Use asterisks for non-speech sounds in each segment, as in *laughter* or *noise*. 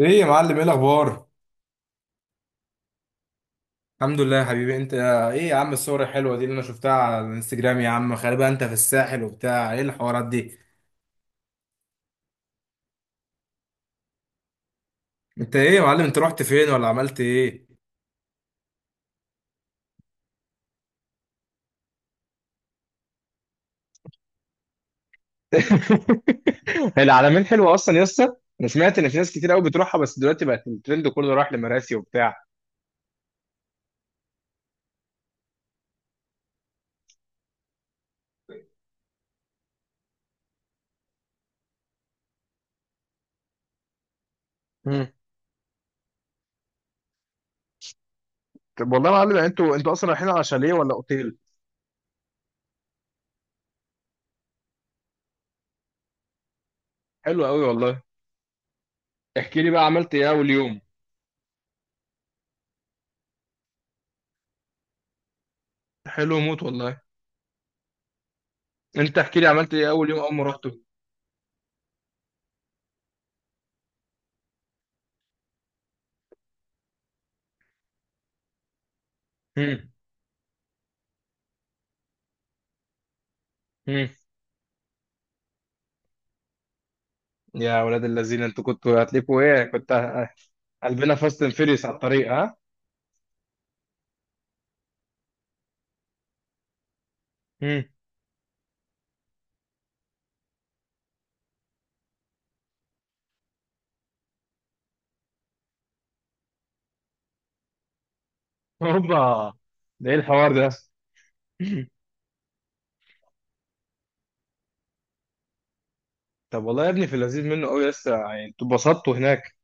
ايه يا معلم؟ ايه الاخبار؟ الحمد لله يا حبيبي. انت ايه يا عم الصور الحلوه دي اللي انا شفتها على الانستجرام؟ يا عم غالبا انت في الساحل وبتاع ايه الحوارات دي؟ انت ايه يا معلم؟ انت رحت فين ولا عملت ايه؟ *laughs* العلمين حلوه اصلا يا اسطى. انا سمعت ان في ناس كتير قوي بتروحها، بس دلوقتي بقت الترند كله راح لمراسي وبتاع. مم. حلو قوي والله. احكي لي بقى، عملت ايه اول يوم؟ حلو موت والله. انت احكي لي، عملت ايه اول يوم اول ما رحته؟ مم. مم. يا ولاد اللذين، انتوا كنتوا هتلفوا ايه؟ كنت قلبنا فاست اند فيريوس على الطريق، ها. مم. هوبا، ده ايه الحوار ده؟ *laughs* طب والله يا ابني في اللذيذ منه قوي لسه، يعني انتوا اتبسطتوا هناك.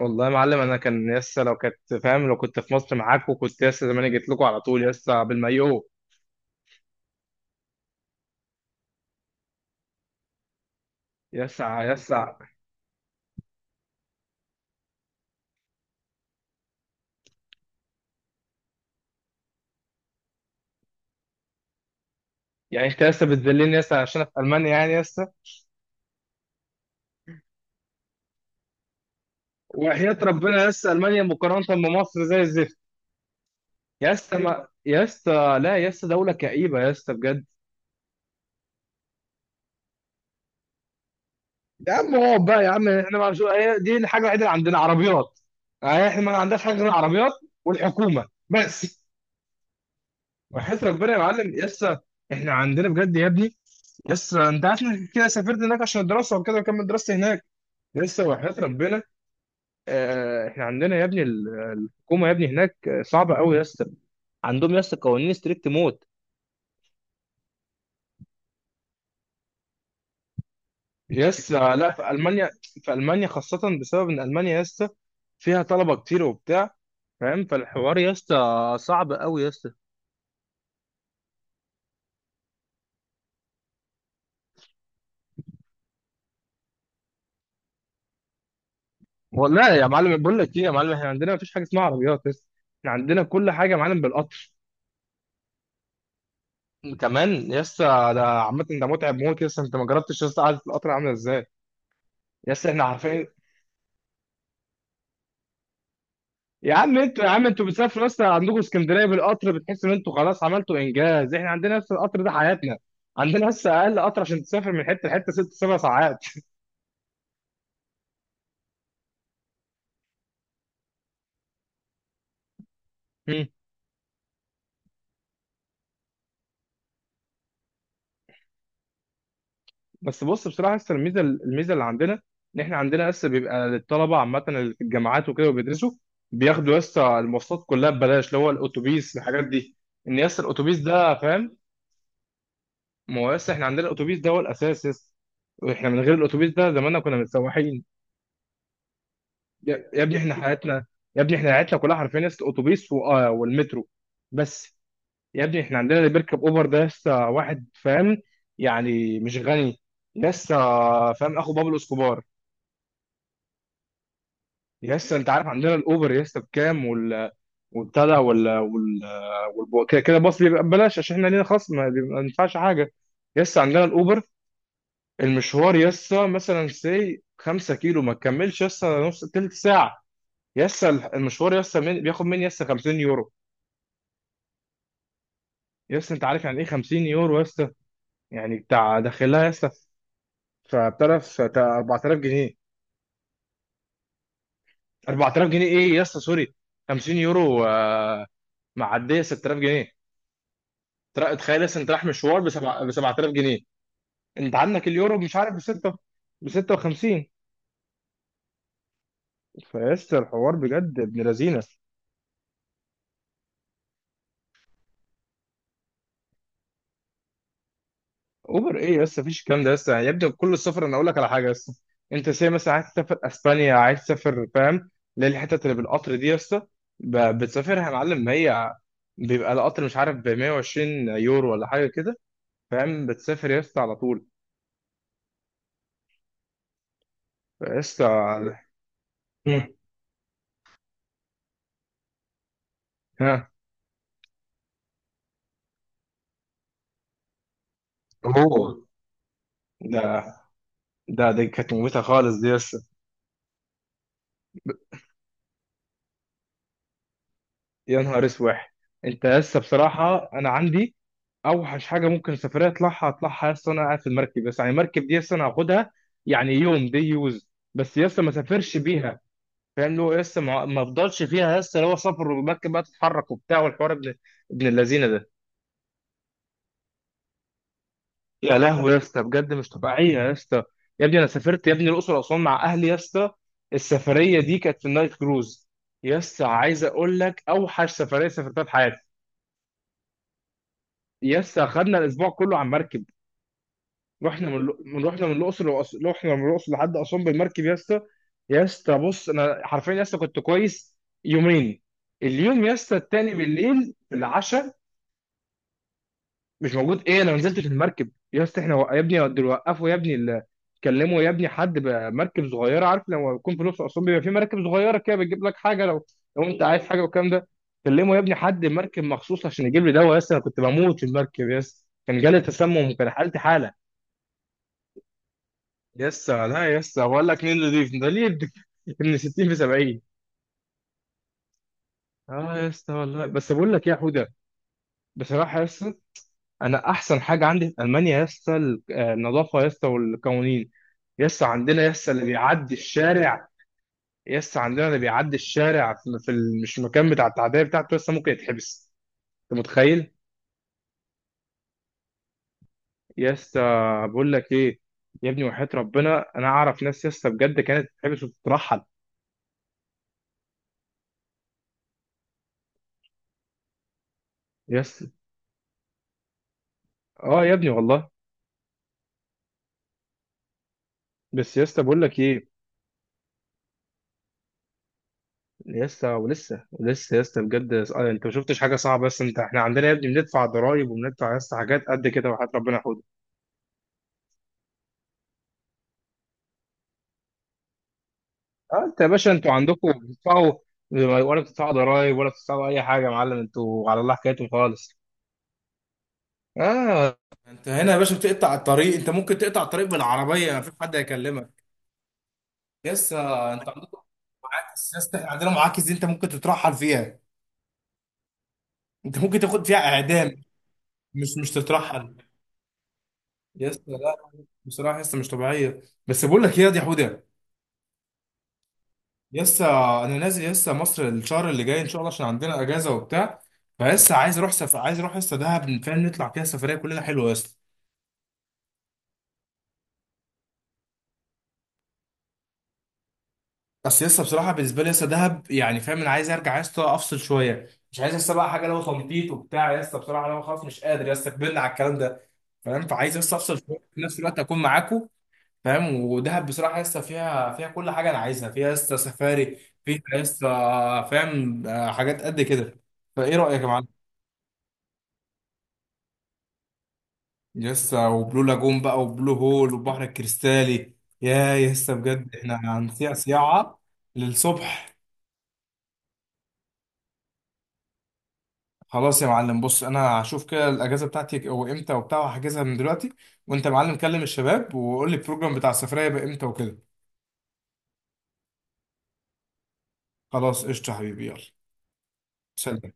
والله يا معلم انا كان لسه لو كنت فاهم، لو كنت في مصر معاكوا كنت لسه زمان جيت لكم على طول لسه بالمايو. لسه لسه، يعني انت لسه بتذلني لسه عشان أنا في المانيا يعني لسه. وحياة ربنا لسه المانيا مقارنة بمصر زي الزفت. يا اسطى لا، يا اسطى دولة كئيبة يا اسطى بجد. يا عم اقعد بقى يا عم، احنا ما شو... هي دي الحاجه الوحيده اللي عندنا، عربيات. يعني احنا ما عندناش حاجه غير العربيات والحكومه بس. وحياة ربنا يا معلم، يسا احنا عندنا بجد يا ابني. يسا انت عارف انك كده سافرت هناك عشان الدراسه وكده وكمل دراستي هناك. لسه وحياة ربنا. اه احنا عندنا يا ابني الحكومه يا ابني هناك آه، صعبه قوي يسا. عندهم يسا قوانين ستريكت موت. يسا لا، في المانيا، في المانيا خاصه بسبب ان المانيا يسا فيها طلبه كتير وبتاع. فاهم فالحوار يا اسطى صعب قوي يا اسطى. والله يا معلم بقول لك ايه يا معلم، احنا عندنا مفيش حاجه اسمها عربيات بس، احنا عندنا كل حاجه يا معلم بالقطر. كمان يا اسطى. ده عامه ده متعب موت يا اسطى، انت ما جربتش يا اسطى قعده القطر عامله ازاي. يا اسطى احنا عارفين. يا عم انتوا، يا عم انتوا بتسافروا يا اسطى عندكم اسكندريه بالقطر بتحسوا ان انتوا خلاص عملتوا انجاز. احنا عندنا لسه القطر ده حياتنا. عندنا لسه اقل قطر عشان تسافر من حته لحته ست سبع ساعات. بس بص بصراحه لسه الميزه، الميزه اللي عندنا ان احنا عندنا لسه بيبقى للطلبه عامه اللي في الجامعات وكده وبيدرسوا، بياخدوا لسه المواصلات كلها ببلاش، اللي هو الاتوبيس الحاجات دي. ان لسه الاتوبيس ده فاهم. ما هو لسه احنا عندنا الاتوبيس ده هو الاساس لسه. واحنا من غير الاتوبيس ده زماننا كنا متسوحين. يا ابني احنا حياتنا. يا ابني احنا حياتنا كلها حرفيا لسه اتوبيس آه، والمترو بس. يا ابني احنا عندنا اللي بيركب اوبر ده لسه واحد، فاهم، يعني مش غني لسه، فاهم، اخو بابلو اسكوبار. يس انت عارف عندنا الاوبر يس بكام؟ وال، والبتاع ده، وال كده كده باص بيبقى ببلاش عشان احنا لينا خصم، ما ينفعش حاجه. يس عندنا الاوبر، المشوار يس مثلا سي 5 كيلو ما تكملش يس نص تلت ساعه. يس المشوار يس من، بياخد مني يس 50 يورو. يس انت عارف يعني ايه 50 يورو يس؟ يعني بتاع داخلها يس، فبتعرف 4000 جنيه. 4000 جنيه ايه؟ يس سوري، 50 يورو آه، معديه 6000 جنيه. تخيل لسه انت رايح مشوار ب 7000 جنيه. انت عندك اليورو مش عارف ب 6، ب 56. فلسه الحوار بجد ابن لذينه. اوبر ايه؟ لسه مفيش الكلام ده لسه، يبدو كل السفر انا اقول لك على حاجه لسه. انت سي مثلا عايز تسافر اسبانيا، عايز تسافر فاهم للحتت اللي بالقطر دي لسه، بتسافرها يا معلم هي، بيبقى القطر مش عارف ب 120 يورو ولا حاجه كده. فاهم بتسافر يا اسطى على طول يا اسطى. مم. ها. اوه. ده ده دي كانت مميته خالص دي. يا نهار اسوح، انت لسه بصراحه انا عندي اوحش حاجه ممكن سفريه اطلعها، اطلعها لسه انا قاعد في المركب. بس يعني المركب دي لسه انا هاخدها، يعني يوم دي يوز، بس لسه ما سافرش بيها. فاهم اللي هو لسه ما افضلش فيها لسه، اللي هو سفر والمركب بقى تتحرك وبتاع، والحوار ابن اللذينه ده. يا لهوي يا اسطى بجد مش طبيعيه يا اسطى. يا ابني انا سافرت يا ابني الاقصر واسوان مع اهلي يا اسطى. السفريه دي كانت في النايل كروز. يا اسطى عايز اقول لك اوحش سفريه سافرتها في حياتي. يس اخدنا الاسبوع كله على المركب. رحنا من رحنا من الاقصر رحنا من الاقصر لحد اسوان بالمركب يا اسطى. يا اسطى بص انا حرفيا يا اسطى كنت كويس يومين، اليوم يا اسطى التاني بالليل في العشاء مش موجود. ايه؟ انا ما نزلتش المركب يا اسطى. احنا يا ابني دول وقفوا يا ابني كلموا يا ابني حد بمركب صغيره، عارف لما يكون في الاقصر واسوان بيبقى في مراكب صغيره كده بتجيب لك حاجه لو، لو انت عايز حاجه والكلام ده. كلموا يا ابني حد مركب مخصوص عشان يجيب لي دواء يا اسطى. انا كنت بموت في المركب يا اسطى، كان جالي تسمم وكان حالتي حاله. يسا لا، يسا بقول لك مين اللي يضيف ده ليه، ابن 60 في 70. اه يسا والله. بس بقول لك يا حوده، بصراحه يسا، انا احسن حاجه عندي في المانيا يسا آه، النظافه يسا والقوانين. يسا عندنا، يسا اللي بيعدي الشارع، يسا عندنا اللي بيعدي الشارع في مش المكان بتاع التعديه بتاعته يسا ممكن يتحبس. انت متخيل؟ يسا بقول لك ايه، يا ابني وحياة ربنا انا اعرف ناس يسا بجد كانت تتحبس وتترحل. يسا اه يا ابني والله. بس يسا بقول لك ايه، لسه ولسه ولسه يا اسطى بجد آه، انت ما شفتش حاجه صعبه بس انت، احنا عندنا يا ابني بندفع ضرائب وبندفع يا اسطى حاجات قد كده وحياة ربنا يحفظك. اه انت يا باشا انتوا عندكم بتدفعوا ولا بتدفعوا ضرائب ولا بتدفعوا اي حاجه يا معلم، انتوا على الله حكايتكم خالص. اه انت هنا يا باشا بتقطع الطريق، انت ممكن تقطع الطريق بالعربيه مفيش حد هيكلمك. يسا انت عندكم معاكس، يسا احنا عندنا معاكس دي انت ممكن تترحل فيها، انت ممكن تاخد فيها اعدام، مش تترحل. يسا لا، بصراحه يسا مش طبيعيه. بس بقول لك ايه يا دي حوده، لسه انا نازل لسه مصر الشهر اللي جاي ان شاء الله عشان عندنا اجازه وبتاع. فلسه عايز عايز اروح لسه دهب، فاهم نطلع فيها سفريه كلنا حلوه لسه. بس لسه بصراحه بالنسبه لي لسه دهب، يعني فاهم انا عايز ارجع لسه افصل شويه، مش عايز لسه بقى حاجه لو تنطيط وبتاع لسه بصراحه، لو خلاص مش قادر لسه، كبرنا على الكلام ده. فاهم فعايز لسه افصل شويه في نفس الوقت اكون معاكم. فاهم ودهب بصراحه لسه فيها كل حاجه انا عايزها، فيها لسه سفاري، فيها لسه فاهم آه، حاجات قد كده. فايه رايك يا معلم؟ يسا وبلو لاجون بقى وبلو هول والبحر الكريستالي. يا يسا بجد احنا هنسيع سياعة للصبح. خلاص يا معلم بص انا هشوف كده الاجازة بتاعتي او امتى وبتاع وهحجزها من دلوقتي. وانت يا معلم كلم الشباب وقول لي البروجرام بتاع السفرية بقى امتى وكده. خلاص قشطة يا حبيبي يلا. سلام.